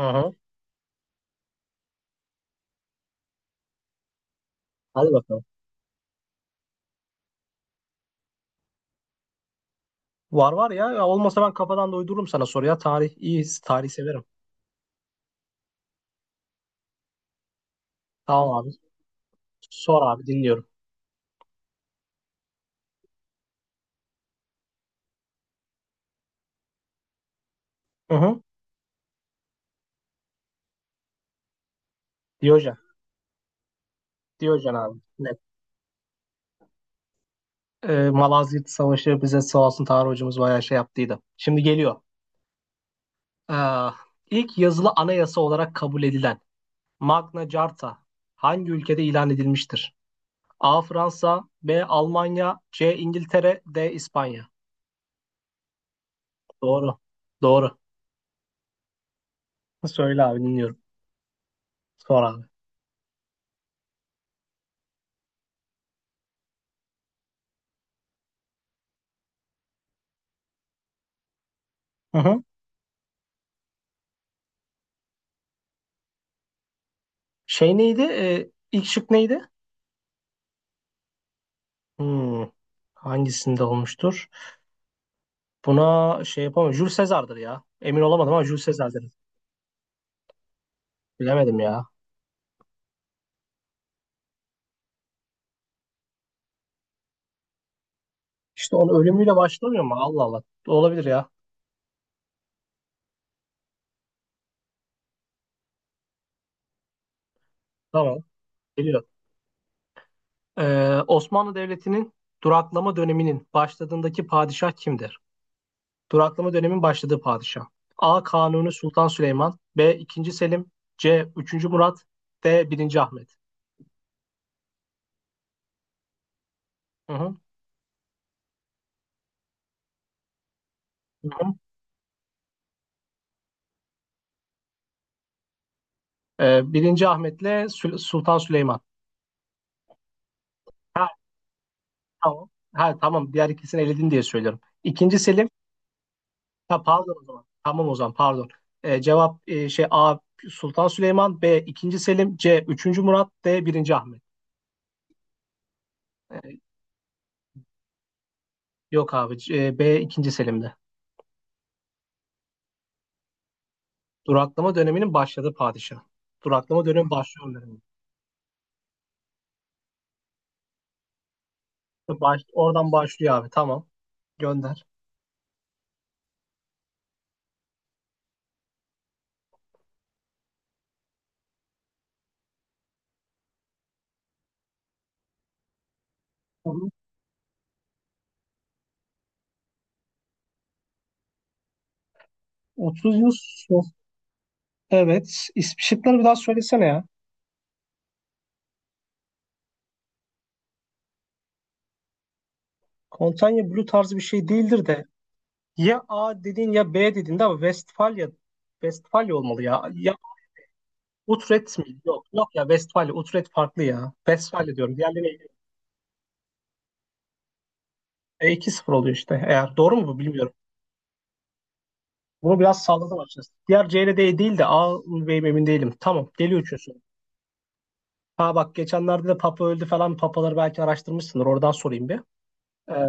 Hı hı. Hadi bakalım. Var var ya. Ya olmasa ben kafadan da uydururum sana soru ya. Tarih iyi. Tarih severim. Tamam abi. Sor abi, dinliyorum. Hı hı. Diyojen. Diyojen abi. Net. Malazgirt Savaşı bize sağ olsun, tarih hocamız bayağı şey yaptıydı. Şimdi geliyor. Ee, ilk yazılı anayasa olarak kabul edilen Magna Carta hangi ülkede ilan edilmiştir? A. Fransa, B. Almanya, C. İngiltere, D. İspanya. Doğru. Doğru. Söyle abi, dinliyorum. Sor abi. Hı hı. Şey neydi? İlk şık neydi? Hmm, hangisinde olmuştur? Buna şey yapamam. Jules Caesar'dır ya. Emin olamadım ama Jules Caesar'dır. Bilemedim ya. İşte onun ölümüyle başlamıyor mu? Allah Allah. Olabilir ya. Tamam. Geliyor. Osmanlı Devleti'nin duraklama döneminin başladığındaki padişah kimdir? Duraklama dönemin başladığı padişah. A. Kanuni Sultan Süleyman. B. 2. Selim. C. Üçüncü Murat. D. Birinci Ahmet. Hı hı. Hı hı. 1. Ahmet'le Sultan Süleyman. Ha, tamam. Ha, tamam, diğer ikisini eledin diye söylüyorum. İkinci Selim. Ha, pardon o zaman. Tamam, o zaman pardon. Cevap A. Sultan Süleyman. B. ikinci Selim. C. Üçüncü Murat. D. Birinci Ahmet. Ee, yok abi. B. ikinci Selim'de. Duraklama döneminin başladığı padişah. Duraklama dönemi başlıyor. Oradan başlıyor abi. Tamam. Gönder. Tamam. 30 yıl Evet. Şıkları bir daha söylesene ya. Kontanya Blue tarzı bir şey değildir de. Ya A dedin ya B dedin de ama Westfalia olmalı ya. Ya Utrecht mi? Yok yok ya Westfalia. Utrecht farklı ya. Westfalia diyorum. Diğerleri 2-0 oluyor işte. Eğer doğru mu bu bilmiyorum. Bunu biraz salladım açıkçası. Diğer C ile D değil de A mı B mi emin değilim. Tamam, geliyor üçüncüsü. Ha bak, geçenlerde de Papa öldü falan. Papaları belki araştırmışsındır. Oradan sorayım bir. Ee,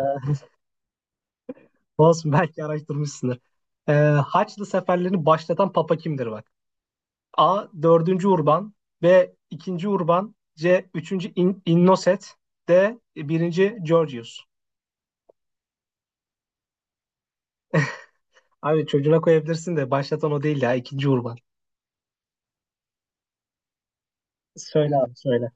olsun belki araştırmışsındır. Ee, Haçlı seferlerini başlatan Papa kimdir bak. A. dördüncü Urban B. ikinci Urban C. üçüncü Innoset D. birinci Georgius. Abi çocuğuna koyabilirsin de başlatan o değil ya. İkinci Urban. Söyle abi söyle.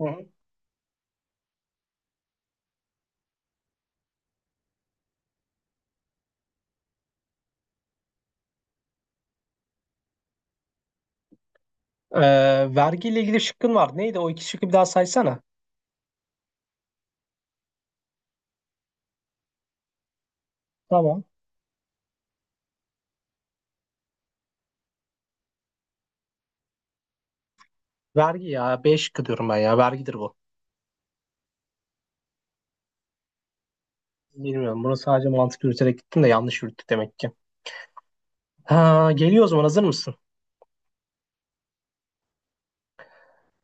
Hı hı. Ee, vergiyle ilgili şıkkın var. Neydi o iki şıkkı bir daha saysana. Tamam. Vergi ya. B şıkkı diyorum ben ya. Vergidir bu. Bilmiyorum. Bunu sadece mantık yürüterek gittim de yanlış yürüttük demek ki. Ha, geliyor o zaman. Hazır mısın?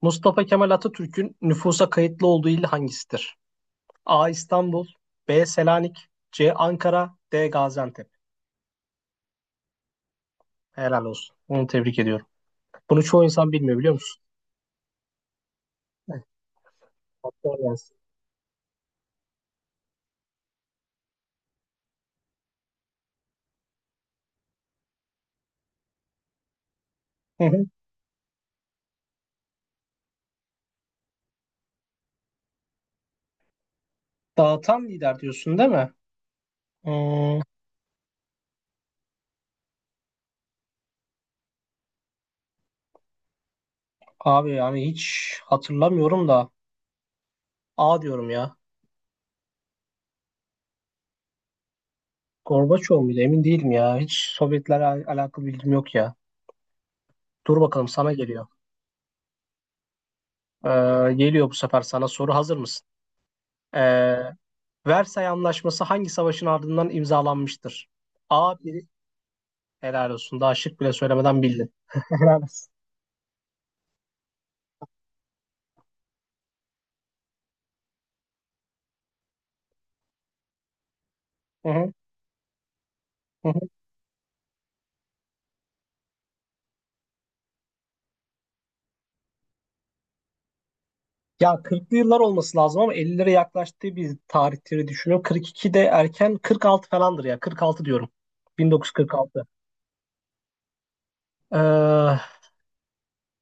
Mustafa Kemal Atatürk'ün nüfusa kayıtlı olduğu il hangisidir? A. İstanbul B. Selanik C. Ankara D. Gaziantep. Helal olsun. Onu tebrik ediyorum. Bunu çoğu insan bilmiyor, biliyor musun? Evet. Hatta gelsin. Hı hı. Dağıtan lider diyorsun değil mi? Hmm, abi yani hiç hatırlamıyorum da A diyorum ya. Gorbaçov muydu? Emin değilim ya. Hiç Sovyetlerle alakalı bilgim yok ya. Dur bakalım, sana geliyor. Ee, geliyor bu sefer sana soru. Hazır mısın? Ee, Versay Anlaşması hangi savaşın ardından imzalanmıştır? A. Helal olsun. Daha şık bile söylemeden bildin. Helal olsun. Hı hı, hı hı. Ya 40'lı yıllar olması lazım ama 50'lere yaklaştığı bir tarihleri düşünüyorum. 42 de erken, 46 falandır ya. 46 diyorum. 1946. Ee,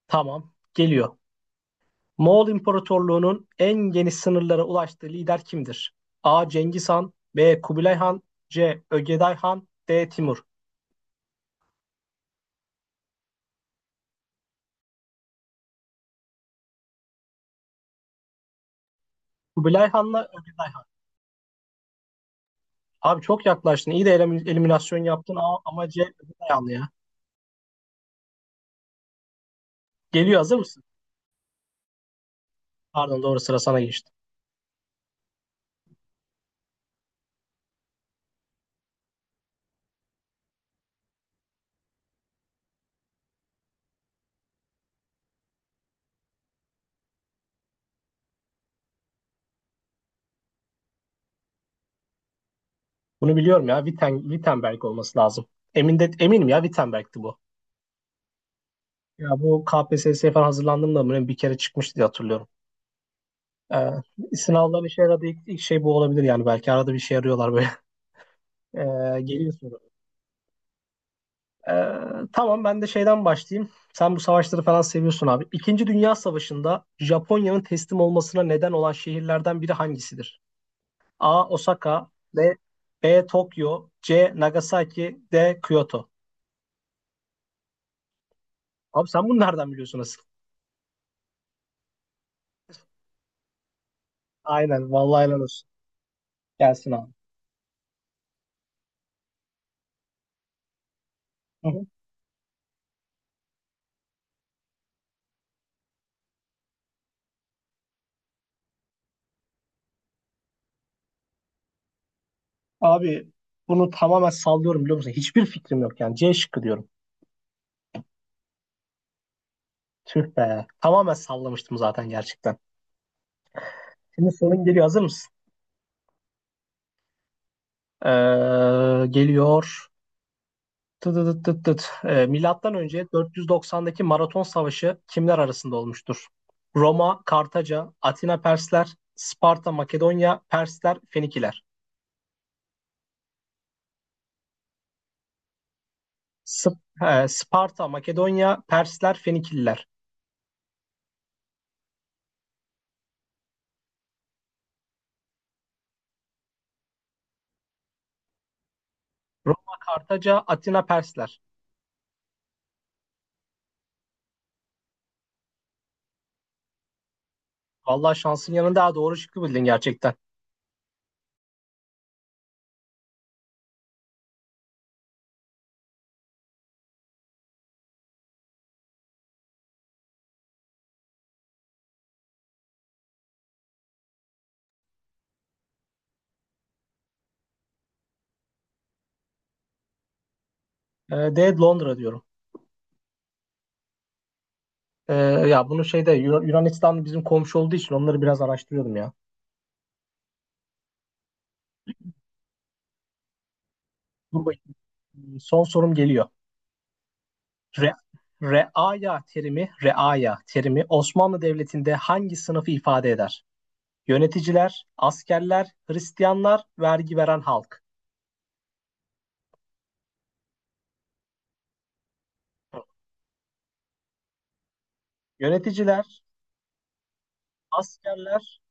tamam. Geliyor. Moğol İmparatorluğu'nun en geniş sınırlara ulaştığı lider kimdir? A. Cengiz Han B. Kubilay Han C. Ögeday Han D. Timur. Kubilay Han'la Ögeday Han. Abi çok yaklaştın. İyi de eliminasyon yaptın ama C. Ögeday Han ya. Geliyor, hazır mısın? Pardon, doğru sıra sana geçti. Bunu biliyorum ya. Wittenberg olması lazım. Eminim ya, Wittenberg'ti bu. Ya bu KPSS'ye falan hazırlandığımda böyle bir kere çıkmıştı diye hatırlıyorum. Ee, sınavlar işe yaradı. İlk şey bu olabilir yani. Belki arada bir şey arıyorlar böyle. Geliyor soru. Tamam, ben de şeyden başlayayım. Sen bu savaşları falan seviyorsun abi. İkinci Dünya Savaşı'nda Japonya'nın teslim olmasına neden olan şehirlerden biri hangisidir? A. Osaka B. Tokyo C. Nagasaki D. Kyoto. Abi sen bunu nereden biliyorsun asıl? Aynen. Vallahi helal olsun. Gelsin abi. Hı hı. Abi bunu tamamen sallıyorum, biliyor musun? Hiçbir fikrim yok yani. C şıkkı diyorum. Tüh be. Tamamen sallamıştım zaten gerçekten. Şimdi sorun geliyor. Hazır mısın? Geliyor. Tı tı tı tı tı. Milattan önce 490'daki Maraton Savaşı kimler arasında olmuştur? Roma, Kartaca, Atina Persler, Sparta, Makedonya, Persler, Fenikiler. Sp- Sparta, Makedonya, Persler, Fenikililer. Roma, Kartaca, Atina, Persler. Vallahi şansın yanında daha doğru şıkkı bildin gerçekten. De Londra diyorum. Ee, ya bunu şeyde Yunanistan bizim komşu olduğu için onları biraz araştırıyordum ya. Dur bakayım. Son sorum geliyor. Re, reaya terimi Osmanlı Devleti'nde hangi sınıfı ifade eder? Yöneticiler, askerler, Hristiyanlar, vergi veren halk. Yöneticiler, askerler,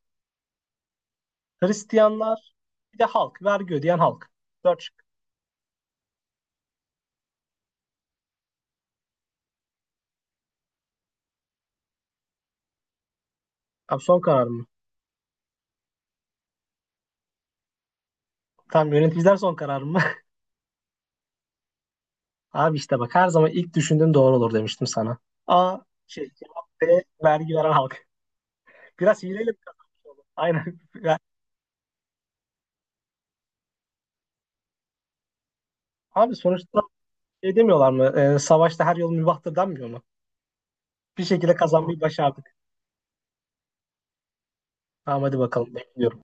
Hristiyanlar, bir de halk, vergi ödeyen halk. Dört şık. Abi son karar. Tam yöneticiler son karar mı? Abi işte bak, her zaman ilk düşündüğün doğru olur demiştim sana. A şey cevap B, vergi veren halk. Biraz hileyle mi kazanmış oğlum? Aynen. Ya, abi sonuçta şey demiyorlar mı? Savaşta her yol mübahtır denmiyor mu? Bir şekilde kazanmayı başardık. Tamam, hadi bakalım, bekliyorum.